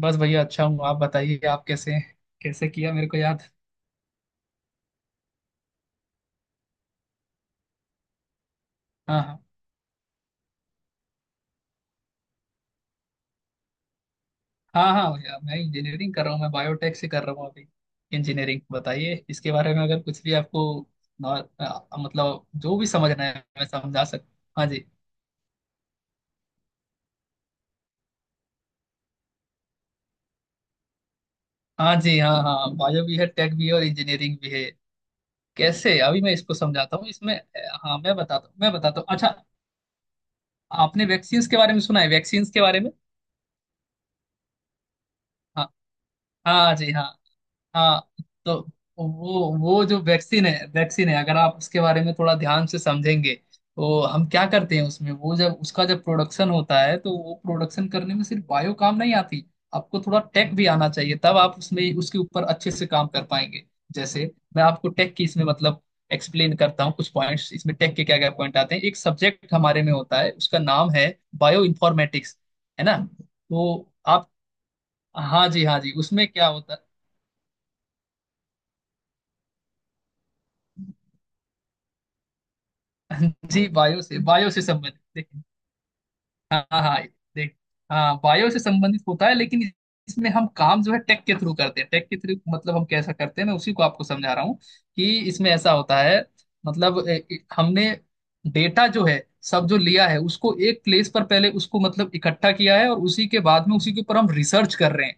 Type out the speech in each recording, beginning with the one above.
बस भैया अच्छा हूँ। आप बताइए, आप कैसे हैं? कैसे किया मेरे को याद? हाँ हाँ। हाँ हाँ भैया, मैं इंजीनियरिंग कर रहा हूँ, मैं बायोटेक से कर रहा हूँ अभी। इंजीनियरिंग बताइए इसके बारे में, अगर कुछ भी आपको मतलब जो भी समझना है मैं समझा सकता। हाँ जी। हाँ जी, हाँ हाँ बायो भी है, टेक भी है और इंजीनियरिंग भी है। कैसे अभी मैं इसको समझाता हूँ इसमें। हाँ मैं बताता हूँ, मैं बताता हूँ। अच्छा, आपने वैक्सीन्स के बारे में सुना है? वैक्सीन्स के बारे में। हाँ। हाँ जी, हाँ। हाँ तो वो जो वैक्सीन है, वैक्सीन है, अगर आप उसके बारे में थोड़ा ध्यान से समझेंगे तो हम क्या करते हैं उसमें, वो जब उसका जब प्रोडक्शन होता है तो वो प्रोडक्शन करने में सिर्फ बायो काम नहीं आती। आपको थोड़ा टेक भी आना चाहिए, तब आप उसमें उसके ऊपर अच्छे से काम कर पाएंगे। जैसे मैं आपको टेक की इसमें मतलब एक्सप्लेन करता हूँ कुछ पॉइंट्स। इसमें टेक के क्या क्या पॉइंट आते हैं, एक सब्जेक्ट हमारे में होता है, उसका नाम है बायो इन्फॉर्मेटिक्स। है ना? तो आप हाँ जी, हाँ जी, उसमें क्या होता है। जी, बायो से, बायो से संबंधित। देखिए हाँ हाँ हाँ, देख हाँ बायो से संबंधित होता है, लेकिन इसमें हम काम जो है टेक के थ्रू करते हैं। टेक के थ्रू मतलब हम कैसा करते हैं, मैं उसी को आपको समझा रहा हूँ कि इसमें ऐसा होता है मतलब हमने डेटा जो है सब जो लिया है उसको एक प्लेस पर पहले उसको मतलब इकट्ठा किया है, और उसी के बाद में उसी के ऊपर हम रिसर्च कर रहे हैं।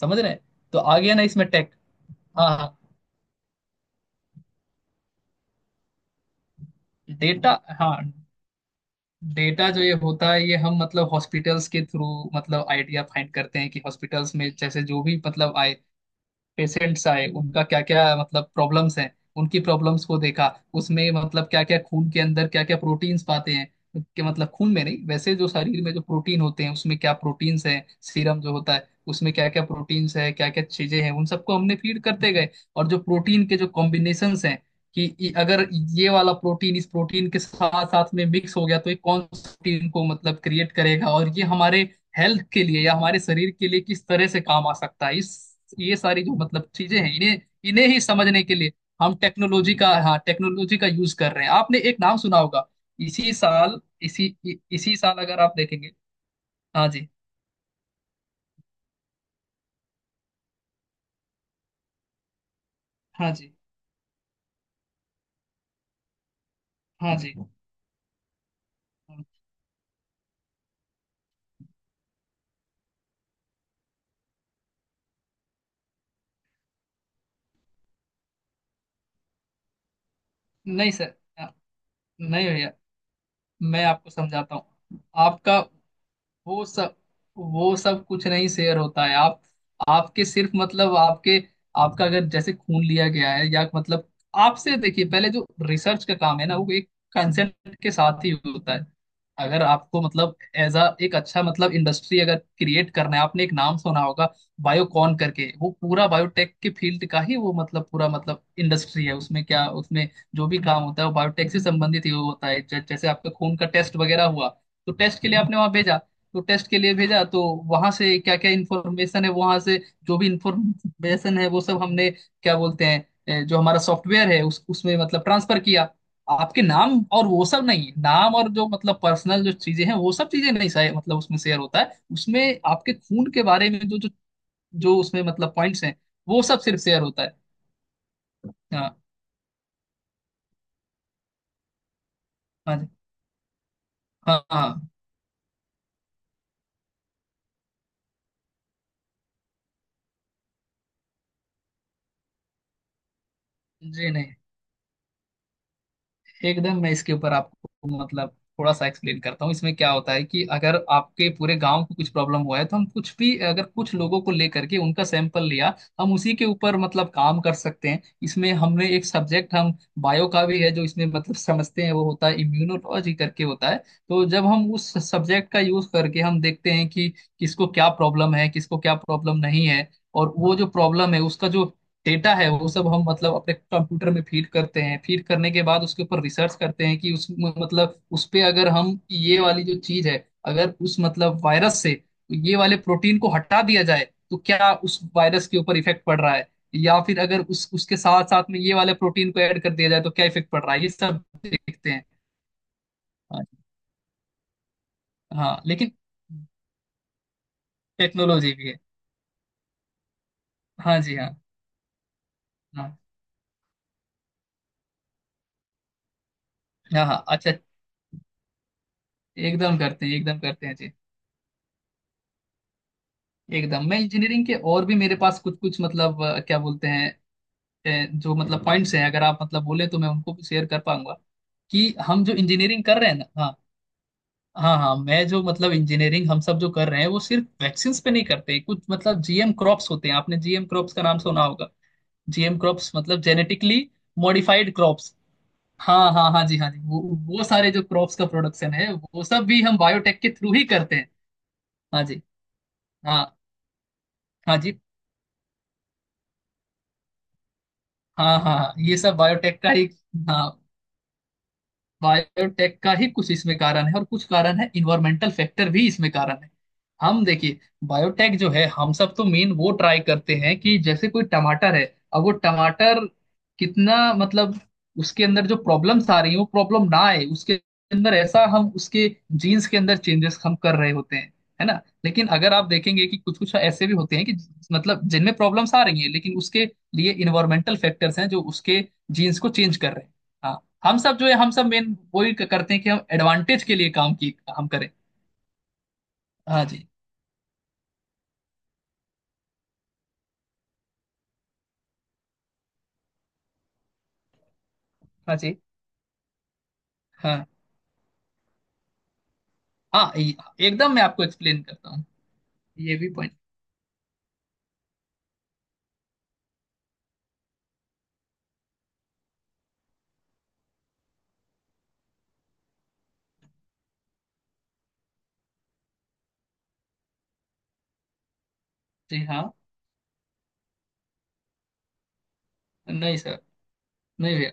समझ रहे हैं? तो आ गया ना इसमें टेक। हाँ हाँ, डेटा। हाँ डेटा जो ये होता है ये हम मतलब हॉस्पिटल्स के थ्रू मतलब आइडिया फाइंड करते हैं कि हॉस्पिटल्स में जैसे जो भी मतलब आए, पेशेंट्स आए, उनका क्या क्या मतलब प्रॉब्लम्स हैं, उनकी प्रॉब्लम्स को देखा, उसमें मतलब क्या क्या खून के अंदर क्या क्या प्रोटीन्स पाते हैं। कि मतलब खून में नहीं, वैसे जो शरीर में जो प्रोटीन होते हैं उसमें क्या प्रोटीन्स हैं, सीरम जो होता है उसमें क्या क्या प्रोटीन्स है, क्या क्या चीजें हैं, उन सबको हमने फीड करते गए। और जो प्रोटीन के जो कॉम्बिनेशंस हैं कि अगर ये वाला प्रोटीन इस प्रोटीन के साथ साथ में मिक्स हो गया तो ये कौन सा प्रोटीन को मतलब क्रिएट करेगा, और ये हमारे हेल्थ के लिए या हमारे शरीर के लिए किस तरह से काम आ सकता है। इस ये सारी जो मतलब चीजें हैं इन्हें, इन्हें ही समझने के लिए हम टेक्नोलॉजी का हाँ टेक्नोलॉजी का यूज कर रहे हैं। आपने एक नाम सुना होगा इसी साल, इसी साल अगर आप देखेंगे। हाँ जी। हाँ जी। हाँ जी। नहीं सर। नहीं भैया, मैं आपको समझाता हूँ। आपका वो सब, वो सब कुछ नहीं शेयर होता है आप। आपके सिर्फ मतलब आपके, आपका अगर जैसे खून लिया गया है या मतलब आपसे, देखिए पहले जो रिसर्च का काम है ना, वो एक कंसेंट के साथ ही होता है। अगर आपको मतलब एज अ एक अच्छा मतलब इंडस्ट्री अगर क्रिएट करना है, आपने एक नाम सुना होगा बायोकॉन करके। वो पूरा बायोटेक के फील्ड का ही वो मतलब पूरा मतलब इंडस्ट्री है। उसमें क्या, उसमें जो भी काम होता है वो बायोटेक से संबंधित ही होता है। जैसे आपका खून का टेस्ट वगैरह हुआ तो टेस्ट के लिए आपने वहां भेजा, तो टेस्ट के लिए भेजा तो वहां से क्या क्या इंफॉर्मेशन है वहां से जो भी इंफॉर्मेशन है वो सब हमने क्या बोलते हैं जो हमारा सॉफ्टवेयर है उस उसमें मतलब ट्रांसफर किया। आपके नाम और वो सब नहीं, नाम और जो मतलब पर्सनल जो चीजें हैं वो सब चीजें नहीं सही मतलब उसमें शेयर होता है। उसमें आपके खून के बारे में जो जो जो उसमें मतलब पॉइंट्स हैं वो सब सिर्फ शेयर होता है। हाँ हाँ। जी हाँ। हाँ जी। नहीं एकदम, मैं इसके ऊपर आपको मतलब थोड़ा सा एक्सप्लेन करता हूँ। इसमें क्या होता है कि अगर आपके पूरे गांव को कुछ प्रॉब्लम हुआ है तो हम कुछ भी अगर कुछ लोगों को लेकर के उनका सैंपल लिया, हम उसी के ऊपर मतलब काम कर सकते हैं। इसमें हमने एक सब्जेक्ट हम बायो का भी है जो इसमें मतलब समझते हैं, वो होता है इम्यूनोलॉजी करके होता है। तो जब हम उस सब्जेक्ट का यूज करके हम देखते हैं कि किसको क्या प्रॉब्लम है, किसको क्या प्रॉब्लम नहीं है, और वो जो प्रॉब्लम है उसका जो डेटा है वो सब हम मतलब अपने कंप्यूटर में फीड करते हैं। फीड करने के बाद उसके ऊपर रिसर्च करते हैं कि उस मतलब उस पे अगर हम ये वाली जो चीज है, अगर उस मतलब वायरस से ये वाले प्रोटीन को हटा दिया जाए तो क्या उस वायरस के ऊपर इफेक्ट पड़ रहा है, या फिर अगर उस उसके साथ साथ में ये वाले प्रोटीन को ऐड कर दिया जाए तो क्या इफेक्ट पड़ रहा है, ये सब देखते हैं। हाँ हाँ, लेकिन टेक्नोलॉजी भी है। हाँ जी, हाँ। हाँ हाँ हाँ अच्छा। एकदम करते हैं, एकदम करते हैं जी। एकदम, मैं इंजीनियरिंग के और भी मेरे पास कुछ कुछ मतलब क्या बोलते हैं अ, जो मतलब पॉइंट्स हैं, अगर आप मतलब बोले तो मैं उनको भी शेयर कर पाऊंगा। कि हम जो इंजीनियरिंग कर रहे हैं ना, हाँ। हाँ हाँ, मैं जो मतलब इंजीनियरिंग हम सब जो कर रहे हैं वो सिर्फ वैक्सीन्स पे नहीं करते, कुछ मतलब जीएम क्रॉप्स होते हैं, आपने जीएम क्रॉप्स का नाम सुना होगा। जीएम क्रॉप्स मतलब जेनेटिकली मॉडिफाइड क्रॉप्स। हाँ हाँ हाँ जी, हाँ जी। वो सारे जो क्रॉप्स का प्रोडक्शन है वो सब भी हम बायोटेक के थ्रू ही करते हैं। हाँ जी। हाँ। हाँ जी। हाँ हाँ हाँ, ये सब बायोटेक का ही। हाँ, बायोटेक का ही कुछ इसमें कारण है और कुछ कारण है इन्वायरमेंटल फैक्टर भी इसमें कारण है। हम देखिए बायोटेक जो है हम सब तो मेन वो ट्राई करते हैं कि जैसे कोई टमाटर है, अब वो टमाटर कितना मतलब उसके अंदर जो प्रॉब्लम्स आ रही है वो प्रॉब्लम ना आए, उसके अंदर ऐसा हम उसके जीन्स के अंदर चेंजेस हम कर रहे होते हैं। है ना? लेकिन अगर आप देखेंगे कि कुछ कुछ ऐसे भी होते हैं कि मतलब जिनमें प्रॉब्लम्स आ रही हैं लेकिन उसके लिए इन्वायरमेंटल फैक्टर्स हैं जो उसके जीन्स को चेंज कर रहे हैं। हाँ, हम सब जो है हम सब मेन वही करते हैं कि हम एडवांटेज के लिए काम की हम करें। हाँ जी। हाँ जी। हाँ हाँ एकदम, मैं आपको एक्सप्लेन करता हूँ ये भी पॉइंट। जी हाँ। नहीं सर। नहीं भैया,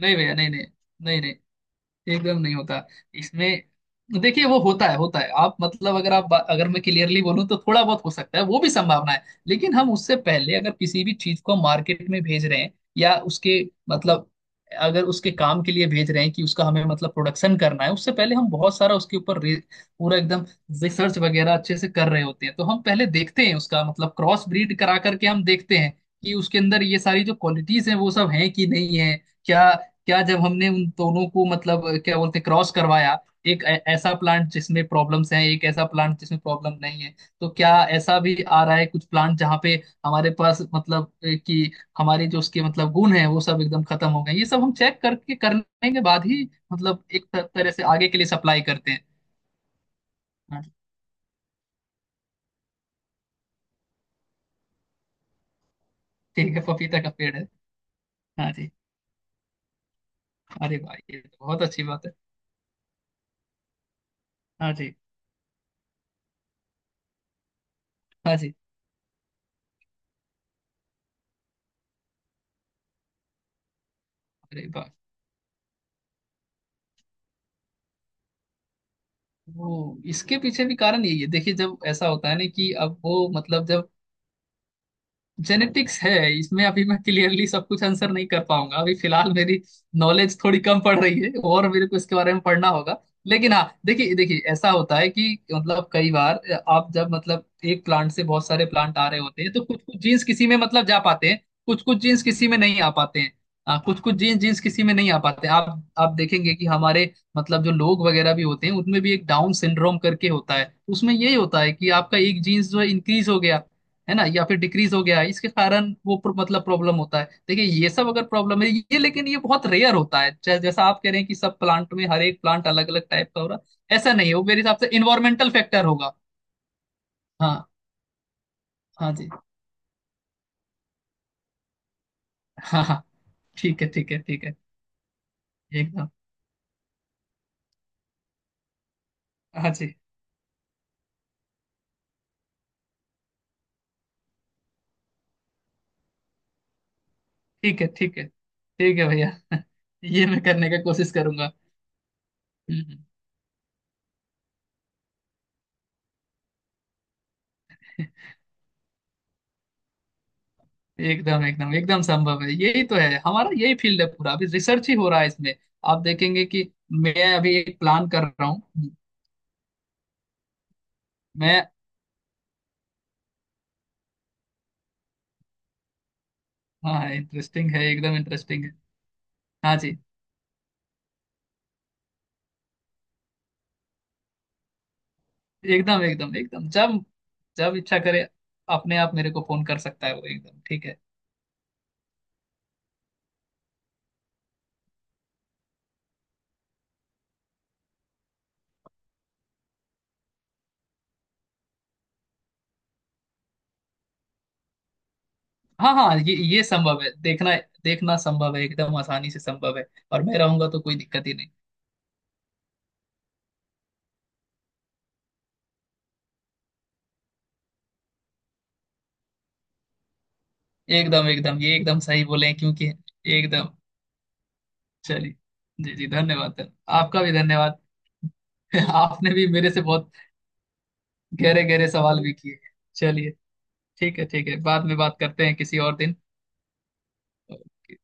नहीं भैया। नहीं नहीं, नहीं नहीं। एकदम नहीं होता इसमें। देखिए वो होता है, होता है। आप मतलब अगर आप, अगर मैं क्लियरली बोलूं तो थोड़ा बहुत हो सकता है वो भी संभावना है, लेकिन हम उससे पहले अगर किसी भी चीज को मार्केट में भेज रहे हैं या उसके मतलब अगर उसके काम के लिए भेज रहे हैं कि उसका हमें मतलब प्रोडक्शन करना है, उससे पहले हम बहुत सारा उसके ऊपर पूरा एकदम रिसर्च वगैरह अच्छे से कर रहे होते हैं। तो हम पहले देखते हैं उसका मतलब क्रॉस ब्रीड करा करके हम देखते हैं कि उसके अंदर ये सारी जो क्वालिटीज हैं वो सब हैं कि नहीं है। क्या, क्या जब हमने उन दोनों को मतलब क्या बोलते क्रॉस करवाया, एक ऐसा प्लांट जिसमें प्रॉब्लम्स हैं, एक ऐसा प्लांट जिसमें प्रॉब्लम नहीं है, तो क्या ऐसा भी आ रहा है कुछ प्लांट जहाँ पे हमारे पास मतलब कि हमारी जो उसके मतलब गुण है वो सब एकदम खत्म हो गए। ये सब हम चेक करके करने के बाद ही मतलब एक तरह से आगे के लिए सप्लाई करते हैं। हाँ जी। ठीक है पपीता का पेड़ है। हाँ जी। अरे भाई, ये तो बहुत अच्छी बात है। हाँ जी। हाँ जी। अरे वाह, वो इसके पीछे भी कारण यही है। देखिए जब ऐसा होता है ना कि अब वो मतलब जब जेनेटिक्स है, इसमें अभी मैं क्लियरली सब कुछ आंसर नहीं कर पाऊंगा, अभी फिलहाल मेरी नॉलेज थोड़ी कम पड़ रही है और मेरे को इसके बारे में पढ़ना होगा। लेकिन हाँ देखिए, देखिए ऐसा होता है कि मतलब कई बार आप जब मतलब एक प्लांट से बहुत सारे प्लांट आ रहे होते हैं तो कुछ कुछ जीन्स किसी में मतलब जा पाते हैं, कुछ कुछ जीन्स किसी में नहीं आ पाते हैं। कुछ कुछ जीन्स जीन्स किसी में नहीं आ पाते हैं। आप देखेंगे कि हमारे मतलब जो लोग वगैरह भी होते हैं उनमें भी एक डाउन सिंड्रोम करके होता है, उसमें यही होता है कि आपका एक जीन्स जो है इंक्रीज हो गया, है ना, या फिर डिक्रीज हो गया, इसके कारण वो मतलब प्रॉब्लम होता है। देखिए ये सब अगर प्रॉब्लम है ये, लेकिन ये बहुत रेयर होता है। जैसा आप कह रहे हैं कि सब प्लांट में हर एक प्लांट अलग अलग टाइप का हो रहा है, ऐसा नहीं है, वो मेरे हिसाब से इन्वायरमेंटल फैक्टर होगा। हाँ हाँ जी, हाँ हाँ। ठीक है ठीक है ठीक है, एकदम। हाँ जी। ठीक है ठीक है, ठीक है भैया। ये मैं करने का कोशिश करूंगा। हम्म, हम्म। एकदम एकदम एकदम संभव है, यही तो है हमारा, यही फील्ड है पूरा, अभी रिसर्च ही हो रहा है इसमें। आप देखेंगे कि मैं अभी एक प्लान कर रहा हूँ, मैं, हाँ इंटरेस्टिंग है, एकदम इंटरेस्टिंग है। हाँ जी। एकदम एकदम एकदम जब जब इच्छा करे अपने आप मेरे को फोन कर सकता है वो, एकदम ठीक है। हाँ हाँ, ये संभव है। देखना, देखना संभव है, एकदम आसानी से संभव है। और मैं रहूंगा तो कोई दिक्कत ही नहीं। एकदम एकदम ये एकदम सही बोले हैं क्योंकि एकदम। चलिए, जी जी धन्यवाद। आपका भी धन्यवाद। आपने भी मेरे से बहुत गहरे गहरे सवाल भी किए। चलिए, ठीक है ठीक है, बाद में बात करते हैं किसी और दिन। ओके।